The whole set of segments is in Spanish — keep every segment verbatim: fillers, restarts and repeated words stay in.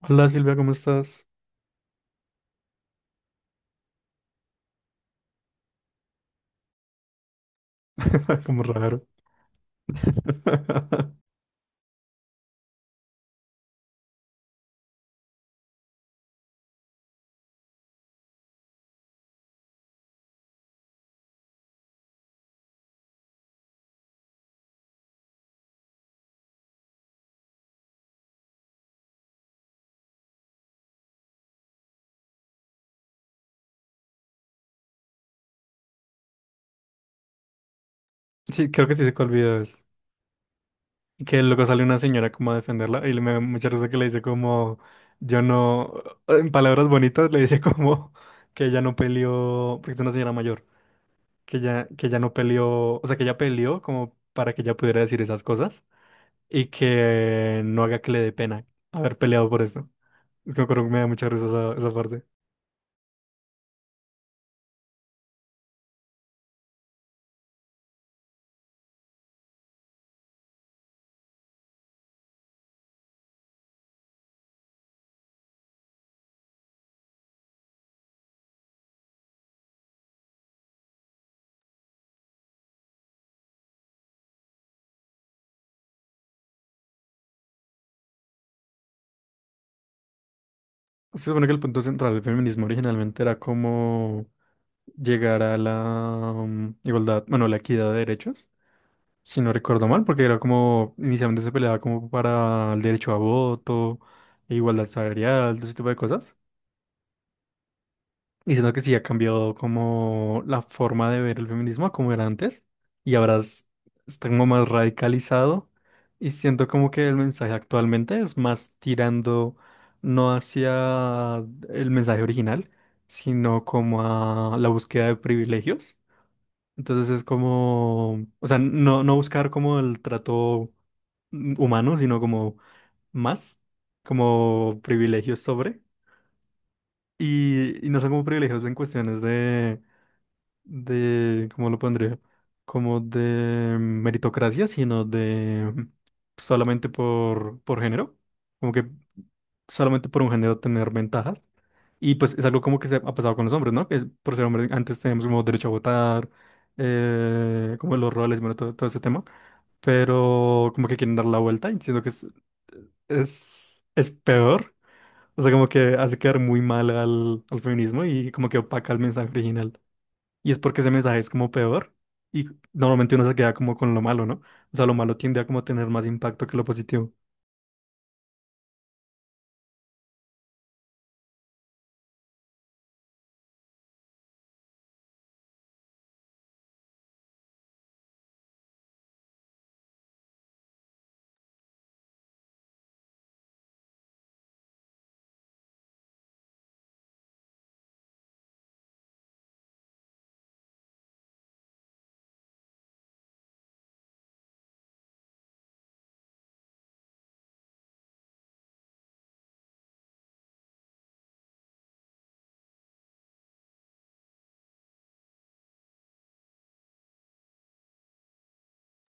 Hola Silvia, ¿cómo estás? Como raro. Sí, creo que sí se cuál video es. Que luego sale una señora como a defenderla y le me da mucha risa que le dice como, yo no, en palabras bonitas le dice como que ella no peleó, porque es una señora mayor, que ella, que ella no peleó, o sea, que ella peleó como para que ella pudiera decir esas cosas y que no haga que le dé pena haber peleado por esto. Es que me acuerdo que me da mucha risa esa, esa parte. Se supone que el punto central del feminismo originalmente era cómo llegar a la mm, igualdad, bueno, la equidad de derechos, si no recuerdo mal, porque era como, inicialmente se peleaba como para el derecho a voto, e igualdad salarial, todo ese tipo de cosas diciendo que sí ha cambiado como la forma de ver el feminismo a como era antes. Y ahora es- está como más radicalizado. Y siento como que el mensaje actualmente es más tirando no hacia el mensaje original, sino como a la búsqueda de privilegios. Entonces es como, o sea, no, no buscar como el trato mm, humano, sino como más, como privilegios sobre. Y, y no son como privilegios en cuestiones de de, ¿cómo lo pondría? Como de meritocracia, sino de solamente por, por género, como que solamente por un género tener ventajas. Y pues es algo como que se ha pasado con los hombres, ¿no? Que es- por ser hombres antes teníamos como derecho a votar, eh, como los roles, bueno, todo, todo ese tema. Pero como que quieren dar la vuelta y siento que es, es, es peor. O sea, como que hace quedar muy mal al, al feminismo y como que opaca el mensaje original. Y es porque ese mensaje es como peor y normalmente uno se queda como con lo malo, ¿no? O sea, lo malo tiende a como tener más impacto que lo positivo.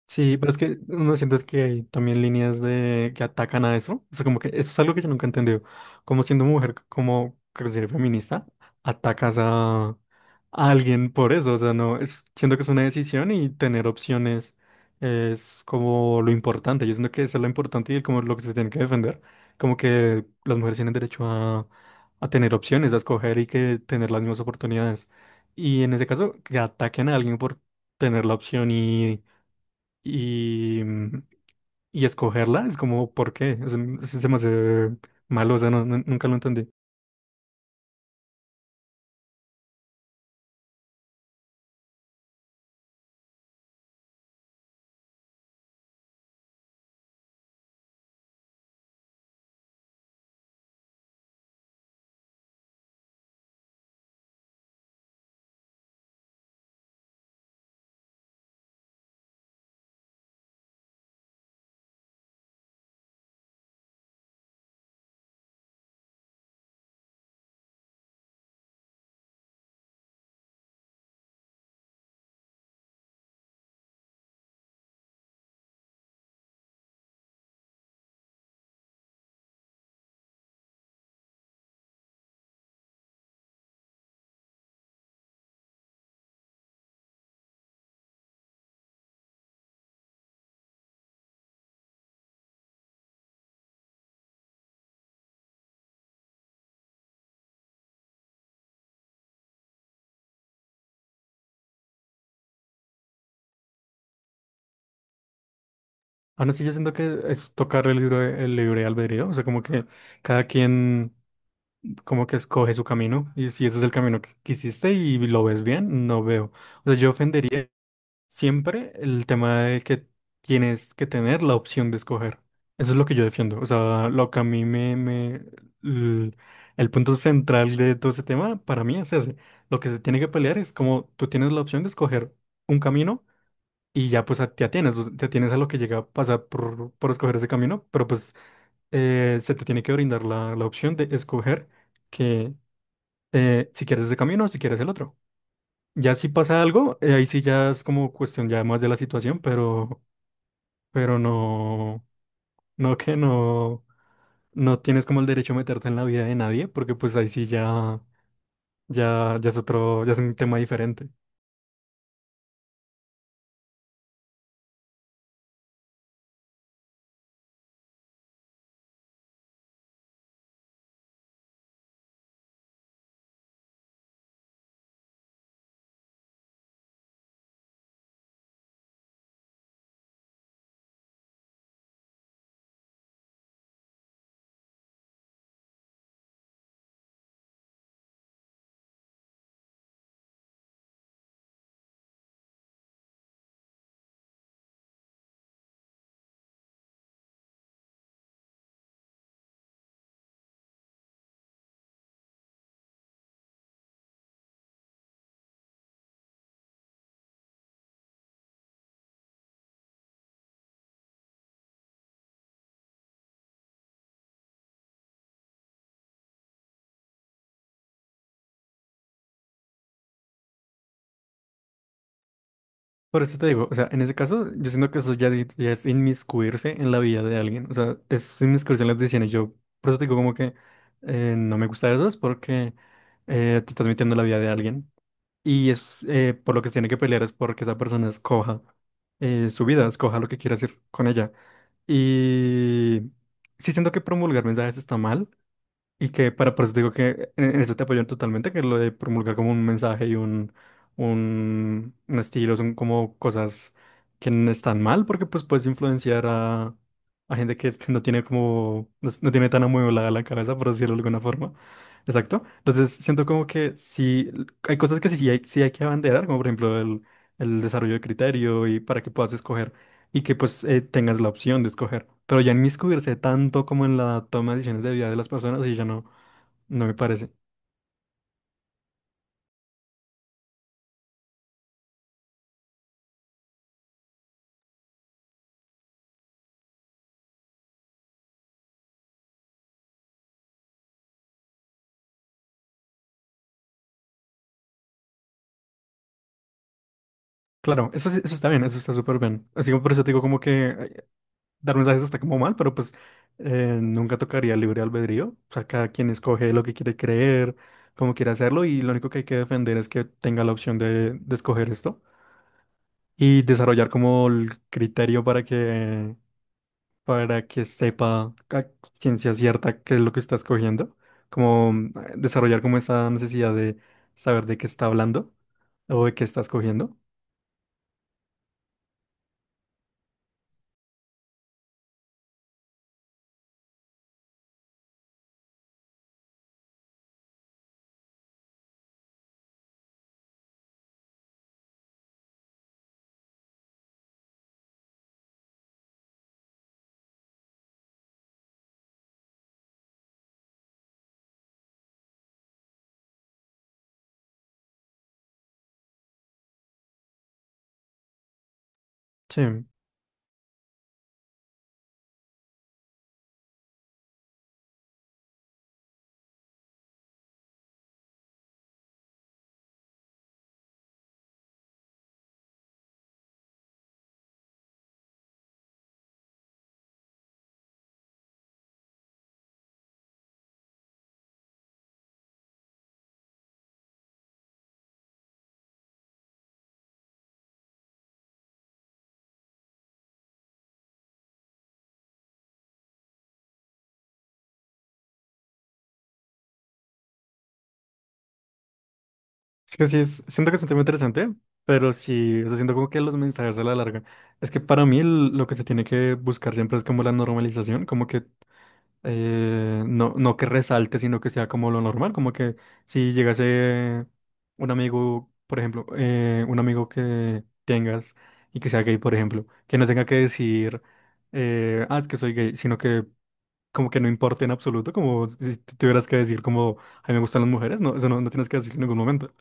Sí, pero es que uno siente es que hay también líneas de que atacan a eso. O sea, como que eso es algo que yo nunca he entendido. Como siendo mujer, como que ser feminista, atacas a, a alguien por eso. O sea, no, es, siento que es una decisión y tener opciones es como lo importante. Yo siento que eso es lo importante y el- como lo que se tiene que defender. Como que las mujeres tienen derecho a, a tener opciones, a escoger y que tener las mismas oportunidades. Y en ese caso, que ataquen a alguien por tener la opción y y, mm, y escogerla es como, ¿por qué? O sea, se se me hace malo, o sea, no, nu- nunca lo entendí. Aún así, yo siento que es tocar el libre, el libre albedrío, o sea, como que cada quien como que escoge su camino y si ese es el camino que quisiste y lo ves bien, no veo. O sea, yo ofendería. Siempre el tema de que tienes que tener la opción de escoger. Eso es lo que yo defiendo. O sea, lo que a mí me... me- el, el punto central de todo ese tema para mí es ese. Lo que se tiene que pelear es como tú tienes la opción de escoger un camino y ya pues a- te atienes, o sea, te atienes a lo que llega a pasar por, por escoger ese camino, pero pues eh, se te tiene que brindar la, la opción de escoger que eh, si quieres ese camino o si quieres el otro. Ya si pasa algo, eh, ahí sí ya es como cuestión ya más de la situación, pero, pero no, no que no, no tienes como el derecho a meterte en la vida de nadie, porque pues ahí sí ya, ya, ya es otro, ya es un tema diferente. Por eso te digo, o sea, en ese caso, yo siento que eso ya, di- ya es inmiscuirse en la vida de alguien, o sea, es inmiscuirse en las decisiones. Yo, por eso te digo como que eh, no me gusta eso, es porque eh, te estás metiendo en la vida de alguien. Y es eh, por lo que se tiene que pelear es porque esa persona escoja eh, su vida, escoja lo que quiere hacer con ella. Y sí siento que promulgar mensajes está mal, y que para por eso te digo que en en eso te apoyan totalmente, que lo de promulgar como un mensaje y un, un, un estilo son como cosas que no están mal, porque pues puedes influenciar a, a gente que no tiene como, no, no tiene tan amueblada la cabeza, por decirlo de alguna forma. Exacto. Entonces siento como que sí, hay cosas que sí hay, sí hay que abanderar, como por ejemplo el, el desarrollo de criterio y para que puedas escoger y que pues eh, tengas la opción de escoger. Pero ya inmiscuirse tanto como en la toma de decisiones de vida de las personas y ya no, no me parece. Claro, eso, sí- eso está bien, eso está súper bien. Así que por eso te digo como que eh, dar mensajes está como mal, pero pues eh, nunca tocaría libre albedrío. O sea, cada quien escoge lo que quiere creer, cómo quiere hacerlo y lo único que hay que defender es que tenga la opción de, de escoger esto y desarrollar como el criterio para que para que sepa a ciencia cierta qué es lo que está escogiendo, como mm, desarrollar como esa necesidad de saber de qué está hablando o de qué está escogiendo. Sí, es que sí, es- siento que es un tema interesante, pero sí, o sea, siento como que los mensajes a la larga. Es que para mí l- lo que se tiene que buscar siempre es como la normalización, como que eh, no, no que resalte, sino que sea como lo normal, como que si llegase un amigo, por ejemplo, eh, un amigo que tengas y que sea gay, por ejemplo, que no tenga que decir, eh, ah, es que soy gay, sino que como que no importe en absoluto, como si te tuvieras que decir como, a mí me gustan las mujeres, no, eso no, no tienes que decir en ningún momento.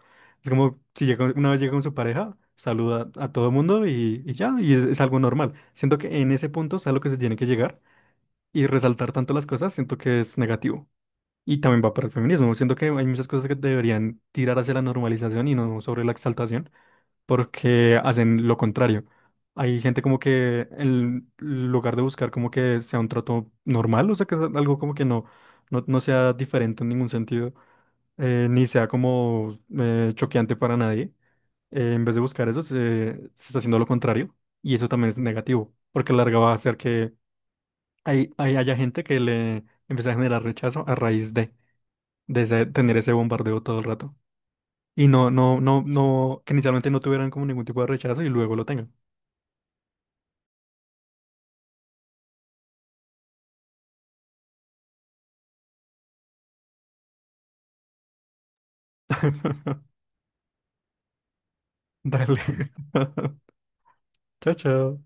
Es como si llega, una vez llega con su pareja, saluda a todo el mundo y, y ya, y es, es algo normal. Siento que en ese punto es a lo que se tiene que llegar y resaltar tanto las cosas, siento que es negativo. Y también va para el feminismo. Siento que hay muchas cosas que deberían tirar hacia la normalización y no sobre la exaltación, porque hacen lo contrario. Hay gente como que en lugar de buscar como que sea un trato normal, o sea, que es algo como que no, no, no sea diferente en ningún sentido, eh, ni sea como eh, choqueante para nadie. Eh, en vez de buscar eso, se, se está haciendo lo contrario y eso también es negativo, porque a la larga va a hacer que hay, hay, haya gente que le empieza a generar rechazo a raíz de, de ese- tener ese bombardeo todo el rato. Y no, no, no, no, que inicialmente no tuvieran como ningún tipo de rechazo y luego lo tengan. Dale. Chao, chao.